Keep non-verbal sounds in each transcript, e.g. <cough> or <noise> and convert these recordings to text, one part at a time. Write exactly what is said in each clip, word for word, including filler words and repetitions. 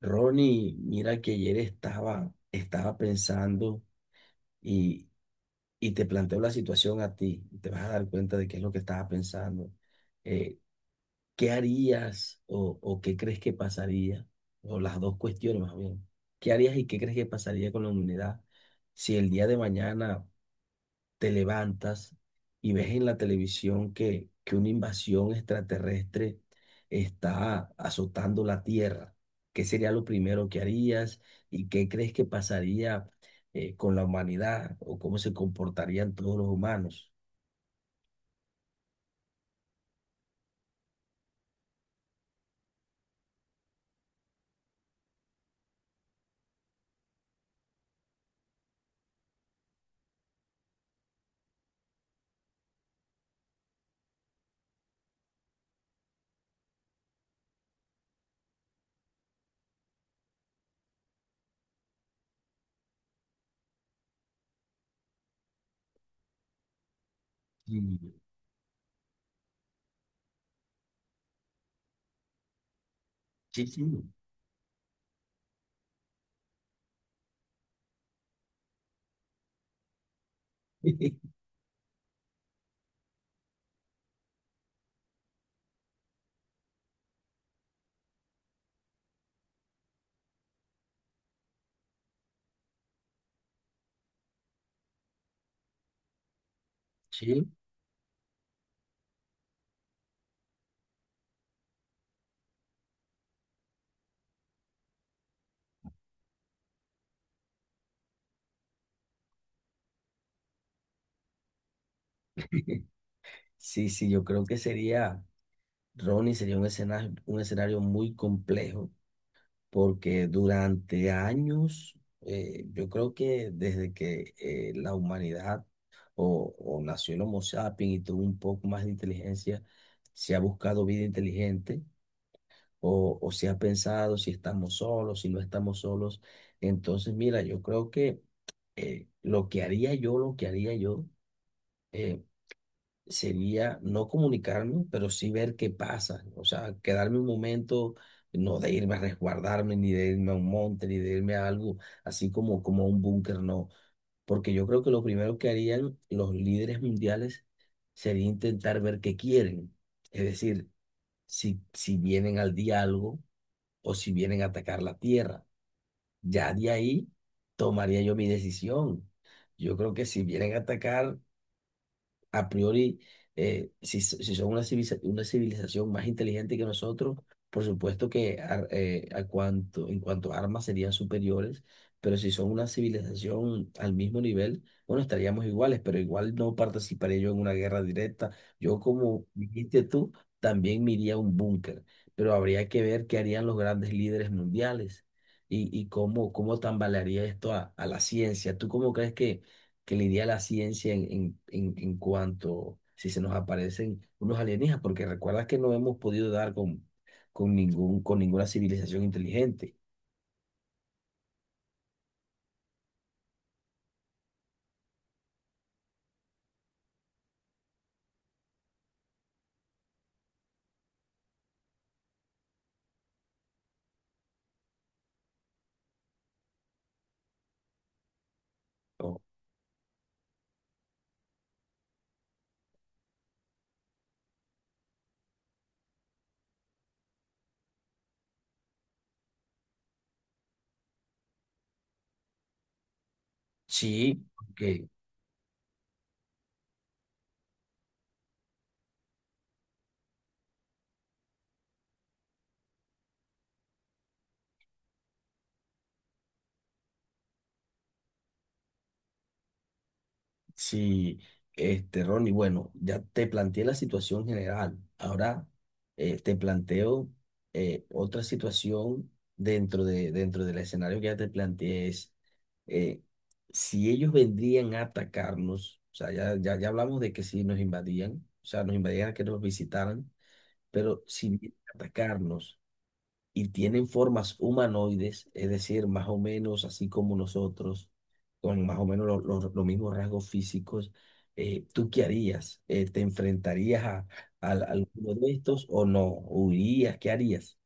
Ronnie, mira que ayer estaba, estaba pensando y, y te planteo la situación a ti. Te vas a dar cuenta de qué es lo que estaba pensando. Eh, ¿Qué harías o, o qué crees que pasaría? O las dos cuestiones más bien. ¿Qué harías y qué crees que pasaría con la humanidad si el día de mañana te levantas y ves en la televisión que, que una invasión extraterrestre está azotando la Tierra? ¿Qué sería lo primero que harías y qué crees que pasaría eh, con la humanidad o cómo se comportarían todos los humanos? Sí. Sí, sí. <laughs> Sí. Sí, sí, yo creo que sería, Ronnie, sería un escenario, un escenario muy complejo porque durante años, eh, yo creo que desde que eh, la humanidad o, o nació el Homo sapiens y tuvo un poco más de inteligencia, se ha buscado vida inteligente o, o se ha pensado si estamos solos, si no estamos solos. Entonces, mira, yo creo que eh, lo que haría yo, lo que haría yo, eh, sería no comunicarme, pero sí ver qué pasa. O sea, quedarme un momento, no de irme a resguardarme, ni de irme a un monte, ni de irme a algo así como, como a un búnker, no. Porque yo creo que lo primero que harían los líderes mundiales sería intentar ver qué quieren. Es decir, si, si vienen al diálogo o si vienen a atacar la tierra. Ya de ahí tomaría yo mi decisión. Yo creo que si vienen a atacar a priori, eh, si, so- si son una civiliza- una civilización más inteligente que nosotros, por supuesto que ar- eh, a cuanto, en cuanto a armas serían superiores, pero si son una civilización al mismo nivel, bueno, estaríamos iguales, pero igual no participaré yo en una guerra directa. Yo, como dijiste tú, también me iría a un búnker, pero habría que ver qué harían los grandes líderes mundiales. Y, y cómo, cómo tambalearía esto a, a la ciencia. ¿Tú cómo crees que que lidia la ciencia en, en, en, en cuanto si se nos aparecen unos alienígenas, porque recuerda que no hemos podido dar con, con, ningún, con ninguna civilización inteligente? ¿No? Sí. Ok. Sí, este, Ronnie, bueno, ya te planteé la situación general. Ahora eh, te planteo eh, otra situación dentro de, dentro del escenario que ya te planteé es eh, si ellos vendrían a atacarnos, o sea, ya, ya, ya hablamos de que si nos invadían, o sea, nos invadían a que nos visitaran, pero si vienen a atacarnos y tienen formas humanoides, es decir, más o menos así como nosotros, con más o menos lo- lo- los mismos rasgos físicos, eh, ¿tú qué harías? Eh, ¿te enfrentarías a, a- a alguno de estos o no? ¿Huirías? ¿Qué harías?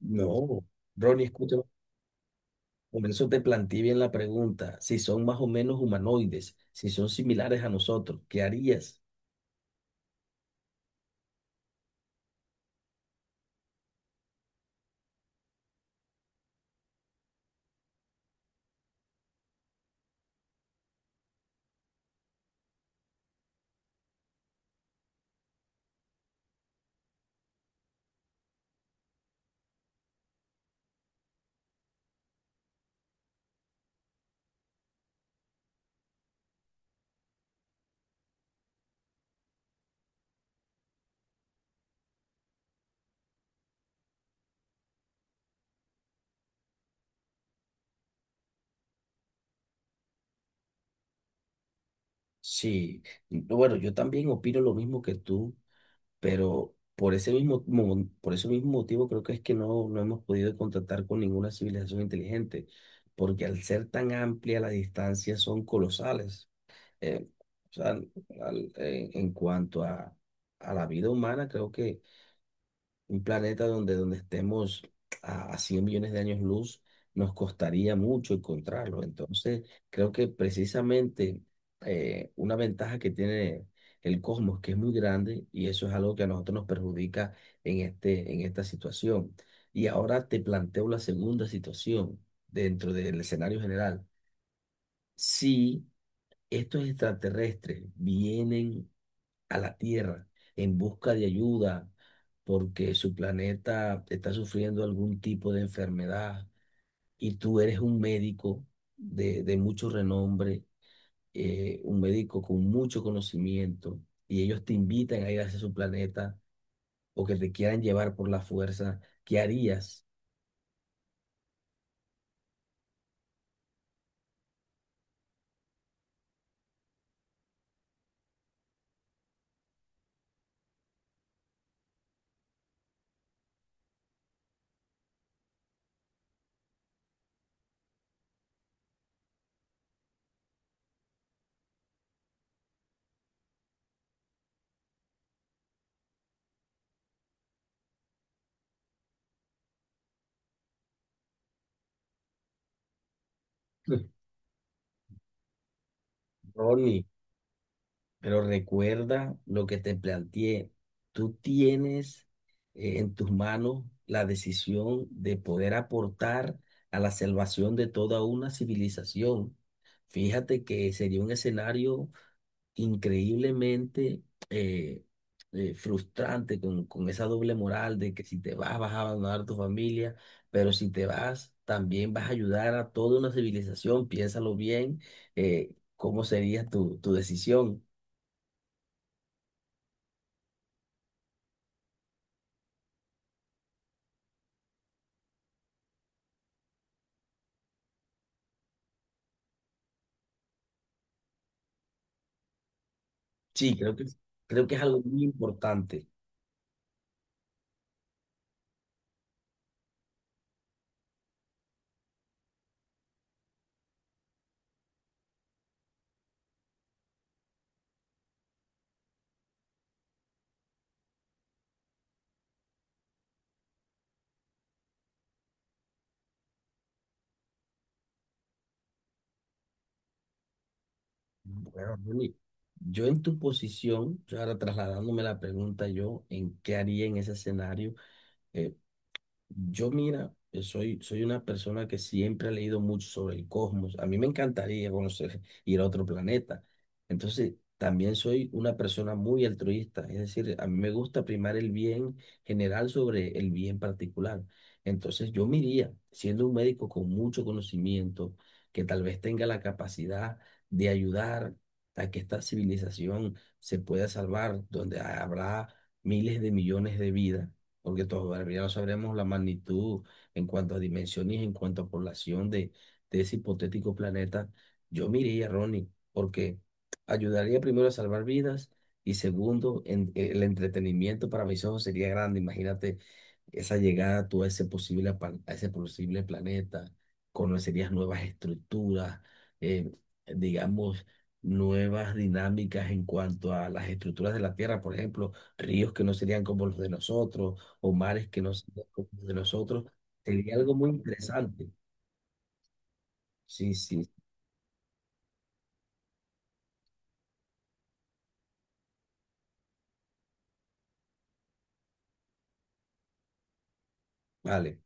No. No, Ronnie, escúchame. Por eso te planteé bien la pregunta, si son más o menos humanoides, si son similares a nosotros, ¿qué harías? Sí, bueno, yo también opino lo mismo que tú. Pero por ese mismo, mo- por ese mismo motivo creo que es que no, no hemos podido contactar con ninguna civilización inteligente, porque al ser tan amplia las distancias son colosales. Eh, o sea, al- en, en cuanto a, a la vida humana, creo que un planeta donde, donde estemos a, a cien millones de años luz, nos costaría mucho encontrarlo. Entonces, creo que precisamente eh, una ventaja que tiene el cosmos, que es muy grande, y eso es algo que a nosotros nos perjudica en este, en esta situación. Y ahora te planteo la segunda situación dentro del escenario general. Si estos extraterrestres vienen a la Tierra en busca de ayuda porque su planeta está sufriendo algún tipo de enfermedad y tú eres un médico de, de mucho renombre, eh, un médico con mucho conocimiento y ellos te invitan a ir hacia su planeta o que te quieran llevar por la fuerza, ¿qué harías? <laughs> Ronnie, pero recuerda lo que te planteé. Tú tienes eh, en tus manos la decisión de poder aportar a la salvación de toda una civilización. Fíjate que sería un escenario increíblemente eh, eh, frustrante con, con esa doble moral de que si te vas vas a abandonar tu familia, pero si te vas también vas a ayudar a toda una civilización. Piénsalo bien, eh, cómo sería tu, tu decisión. Sí, creo que, creo que es algo muy importante. Bueno, Ronnie, yo en tu posición, yo ahora trasladándome la pregunta, yo en qué haría en ese escenario, eh, yo mira, eh, soy, soy una persona que siempre ha leído mucho sobre el cosmos. A mí me encantaría conocer, <laughs> ir a otro planeta. Entonces, también soy una persona muy altruista. Es decir, a mí me gusta primar el bien general sobre el bien particular. Entonces, yo me iría, siendo un médico con mucho conocimiento, que tal vez tenga la capacidad de ayudar a que esta civilización se pueda salvar, donde habrá miles de millones de vidas porque todavía no sabremos la magnitud en cuanto a dimensiones, en cuanto a población de, de ese hipotético planeta, yo me iría, Ronnie, porque ayudaría primero a salvar vidas y segundo, en- el entretenimiento para mis ojos sería grande. Imagínate esa llegada tú a ese posible, pa- a ese posible planeta, conocerías nuevas estructuras, eh, digamos, nuevas dinámicas en cuanto a las estructuras de la Tierra, por ejemplo ríos que no serían como los de nosotros, o mares que no sean como de nosotros, sería algo muy interesante. Sí, sí, vale.